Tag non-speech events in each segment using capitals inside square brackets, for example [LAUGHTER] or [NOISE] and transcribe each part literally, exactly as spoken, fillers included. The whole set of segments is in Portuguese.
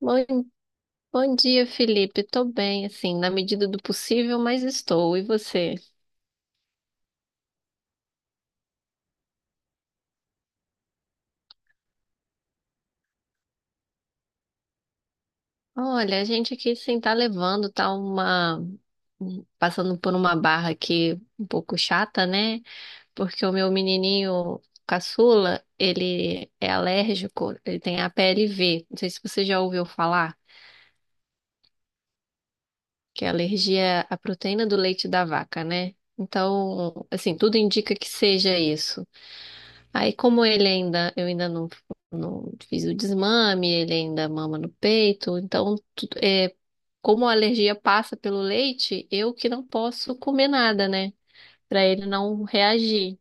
Bom, bom dia, Felipe. Tô bem, assim, na medida do possível, mas estou. E você? Olha, a gente aqui sem tá levando, tá uma. um, passando por uma barra aqui um pouco chata, né? Porque o meu menininho caçula, ele é alérgico, ele tem a P L V. Não sei se você já ouviu falar, que é alergia à proteína do leite da vaca, né? Então, assim, tudo indica que seja isso. Aí, como ele ainda, eu ainda não, não fiz o desmame, ele ainda mama no peito, então, tu- é, como a alergia passa pelo leite, eu que não posso comer nada, né? Pra ele não reagir.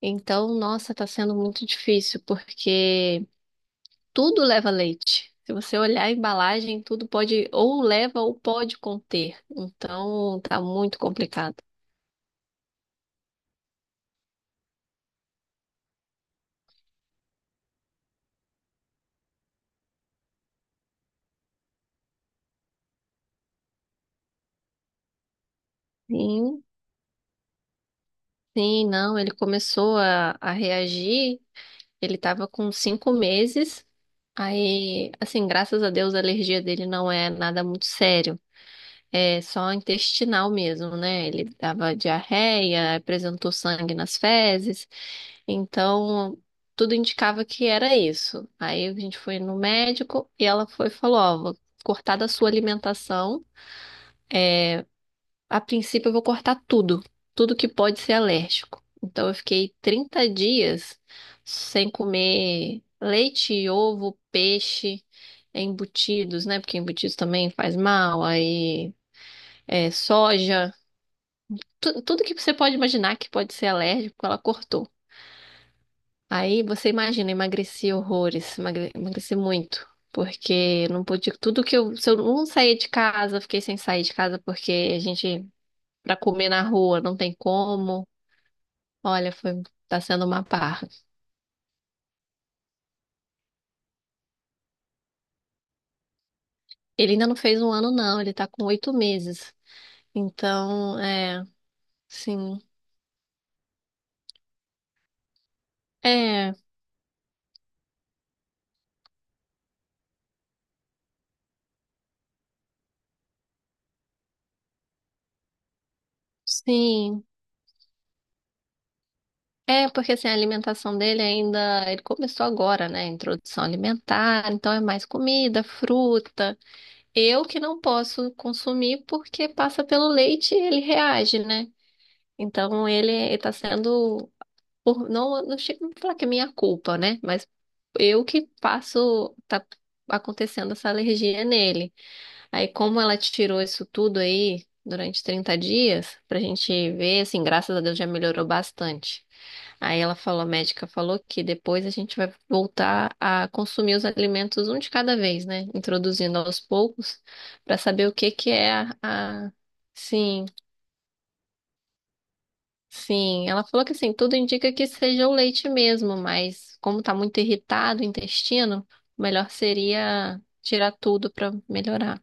Então, nossa, tá sendo muito difícil, porque tudo leva leite. Se você olhar a embalagem, tudo pode, ou leva ou pode conter. Então, tá muito complicado. Sim, sim, não, ele começou a, a reagir. Ele tava com cinco meses. Aí, assim, graças a Deus, a alergia dele não é nada muito sério. É só intestinal mesmo, né? Ele dava diarreia, apresentou sangue nas fezes. Então, tudo indicava que era isso. Aí a gente foi no médico e ela foi e falou, ó, vou cortar da sua alimentação a princípio, eu vou cortar tudo, tudo que pode ser alérgico. Então, eu fiquei trinta dias sem comer leite, ovo, peixe, embutidos, né? Porque embutidos também faz mal, aí é, soja, tu- tudo que você pode imaginar que pode ser alérgico, ela cortou. Aí você imagina, eu emagreci horrores, emagre- emagreci muito. Porque não podia, tudo que eu, se eu não saía de casa, eu fiquei sem sair de casa porque a gente, pra comer na rua, não tem como. Olha, foi, tá sendo uma parra. Ele ainda não fez um ano, não, ele tá com oito meses. Então, é, sim. É, sim. É, porque assim, a alimentação dele ainda. Ele começou agora, né? Introdução alimentar, então é mais comida, fruta. Eu que não posso consumir porque passa pelo leite e ele reage, né? Então ele, ele tá sendo por não, não chego a falar que é minha culpa, né? Mas eu que passo, tá acontecendo essa alergia nele. Aí, como ela tirou isso tudo aí durante trinta dias, pra gente ver, assim, graças a Deus já melhorou bastante. Aí ela falou, a médica falou que depois a gente vai voltar a consumir os alimentos um de cada vez, né? Introduzindo aos poucos, pra saber o que que é a, a, sim, sim, ela falou que assim, tudo indica que seja o leite mesmo, mas como tá muito irritado o intestino, melhor seria tirar tudo para melhorar.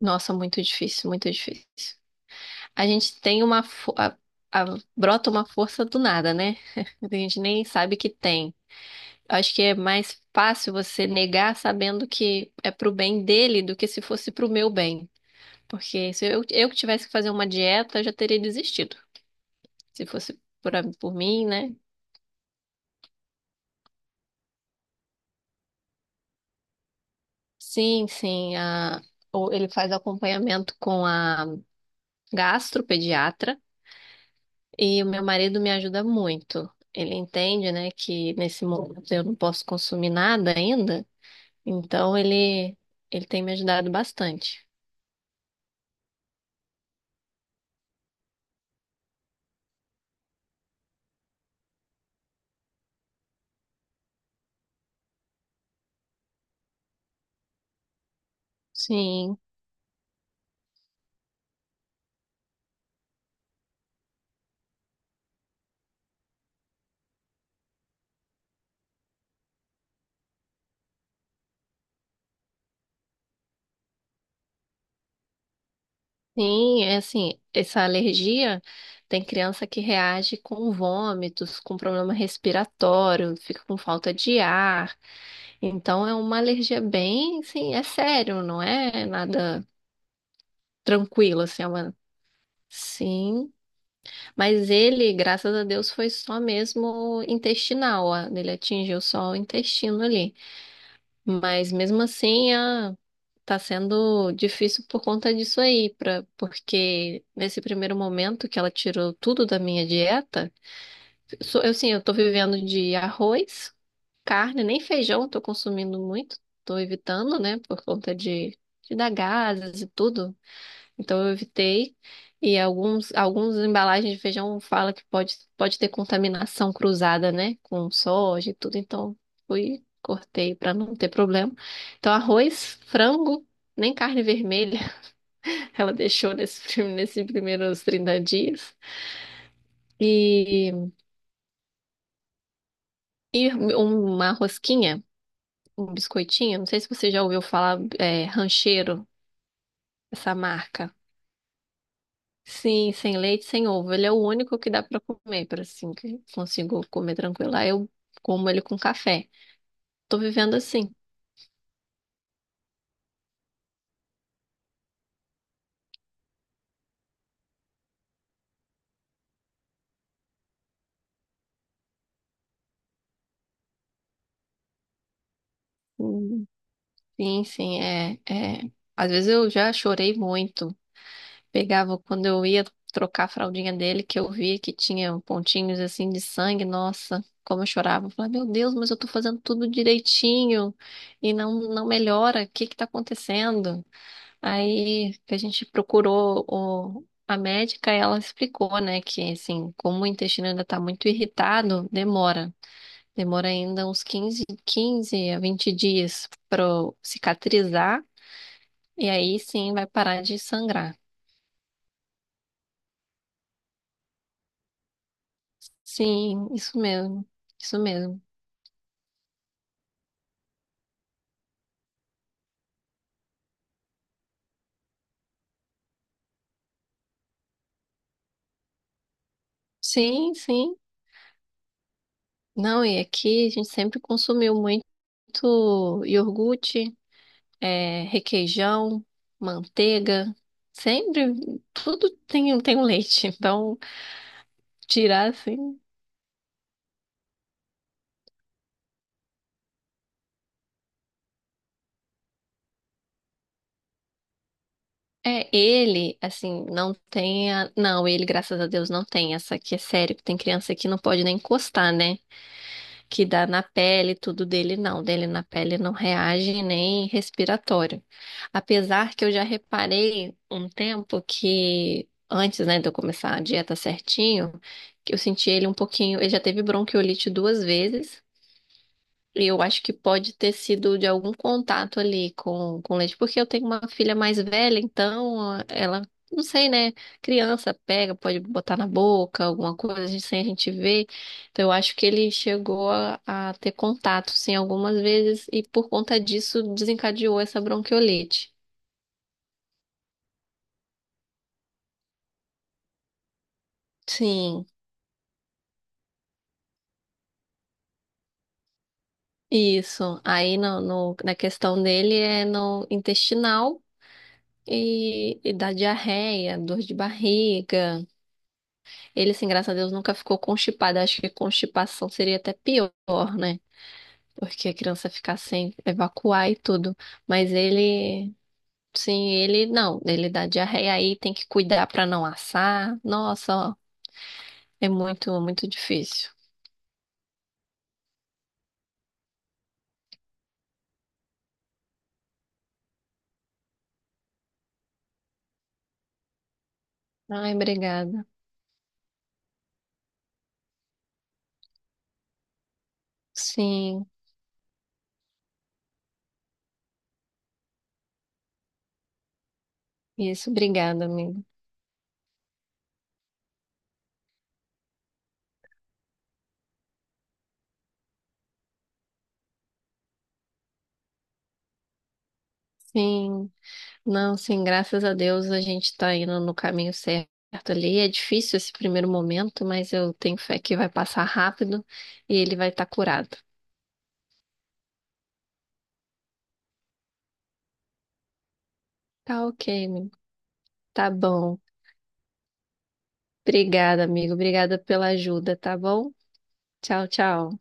Nossa, muito difícil, muito difícil. A gente tem uma fo- a- a- brota uma força do nada, né? [LAUGHS] A gente nem sabe que tem. Acho que é mais fácil você negar sabendo que é pro bem dele do que se fosse pro meu bem. Porque se eu, eu que tivesse que fazer uma dieta, eu já teria desistido. Se fosse por, a- por mim, né? Sim, sim. A, ou ele faz acompanhamento com a gastropediatra e o meu marido me ajuda muito. Ele entende, né, que nesse momento eu não posso consumir nada ainda, então ele, ele tem me ajudado bastante. Sim, sim, é assim, essa alergia tem criança que reage com vômitos, com problema respiratório, fica com falta de ar. Então é uma alergia bem, sim, é sério, não é nada tranquilo, assim, é uma... Sim, mas ele, graças a Deus, foi só mesmo intestinal, ó. Ele atingiu só o intestino ali. Mas mesmo assim, ah, tá sendo difícil por conta disso aí, pra... porque nesse primeiro momento que ela tirou tudo da minha dieta, so- eu sim, eu tô vivendo de arroz, carne, nem feijão, eu tô consumindo muito, tô evitando, né, por conta de, de dar gases e tudo. Então eu evitei. E alguns, alguns embalagens de feijão fala que pode, pode ter contaminação cruzada, né? Com soja e tudo. Então fui, cortei para não ter problema. Então arroz, frango, nem carne vermelha [LAUGHS] ela deixou nesse, prim- nesses primeiros trinta dias. E, e um, uma rosquinha, um biscoitinho. Não sei se você já ouviu falar, é, Rancheiro, essa marca. Sim, sem leite, sem ovo. Ele é o único que dá pra comer, para assim que eu consigo comer tranquilo. Aí eu como ele com café. Tô vivendo assim. Hum. Sim, sim, é, é. Às vezes eu já chorei muito. Pegava quando eu ia trocar a fraldinha dele, que eu via que tinha pontinhos assim de sangue. Nossa, como eu chorava. Eu falava, meu Deus, mas eu tô fazendo tudo direitinho e não não melhora. O que que tá acontecendo? Aí que a gente procurou o, a médica, e ela explicou, né, que assim, como o intestino ainda está muito irritado, demora. Demora ainda uns quinze, quinze a vinte dias para cicatrizar e aí sim vai parar de sangrar. Sim, isso mesmo. Isso mesmo. Sim, sim. Não, e aqui a gente sempre consumiu muito iogurte, é, requeijão, manteiga, sempre tudo tem, tem, um leite. [LAUGHS] Então, tirar assim. É, ele, assim, não tem a... Não, ele, graças a Deus, não tem essa que é sério, que tem criança que não pode nem encostar, né? Que dá na pele, tudo dele não. Dele na pele não reage nem respiratório. Apesar que eu já reparei um tempo que, antes, né, de eu começar a dieta certinho, que eu senti ele um pouquinho. Ele já teve bronquiolite duas vezes. Eu acho que pode ter sido de algum contato ali com, com leite, porque eu tenho uma filha mais velha, então ah, ela, não sei, né? Criança pega, pode botar na boca, alguma coisa a gente- sem a gente ver. Então eu acho que ele chegou a, a ter contato, sim, algumas vezes, e por conta disso desencadeou essa bronquiolite. Sim, isso. Aí no, no- na questão dele é no intestinal e, e da diarreia, dor de barriga. Ele, assim, graças a Deus, nunca ficou constipado. Acho que constipação seria até pior, né? Porque a criança ficar sem evacuar e tudo. Mas ele, sim, ele não. Ele dá diarreia aí, tem que cuidar pra não assar. Nossa, ó, é muito, muito difícil. Ai, obrigada. Sim, isso, obrigada, amigo. Sim, não, sim, graças a Deus a gente tá indo no caminho certo ali. É difícil esse primeiro momento, mas eu tenho fé que vai passar rápido e ele vai estar curado. Tá ok, amigo. Tá bom. Obrigada, amigo. Obrigada pela ajuda, tá bom? Tchau, tchau.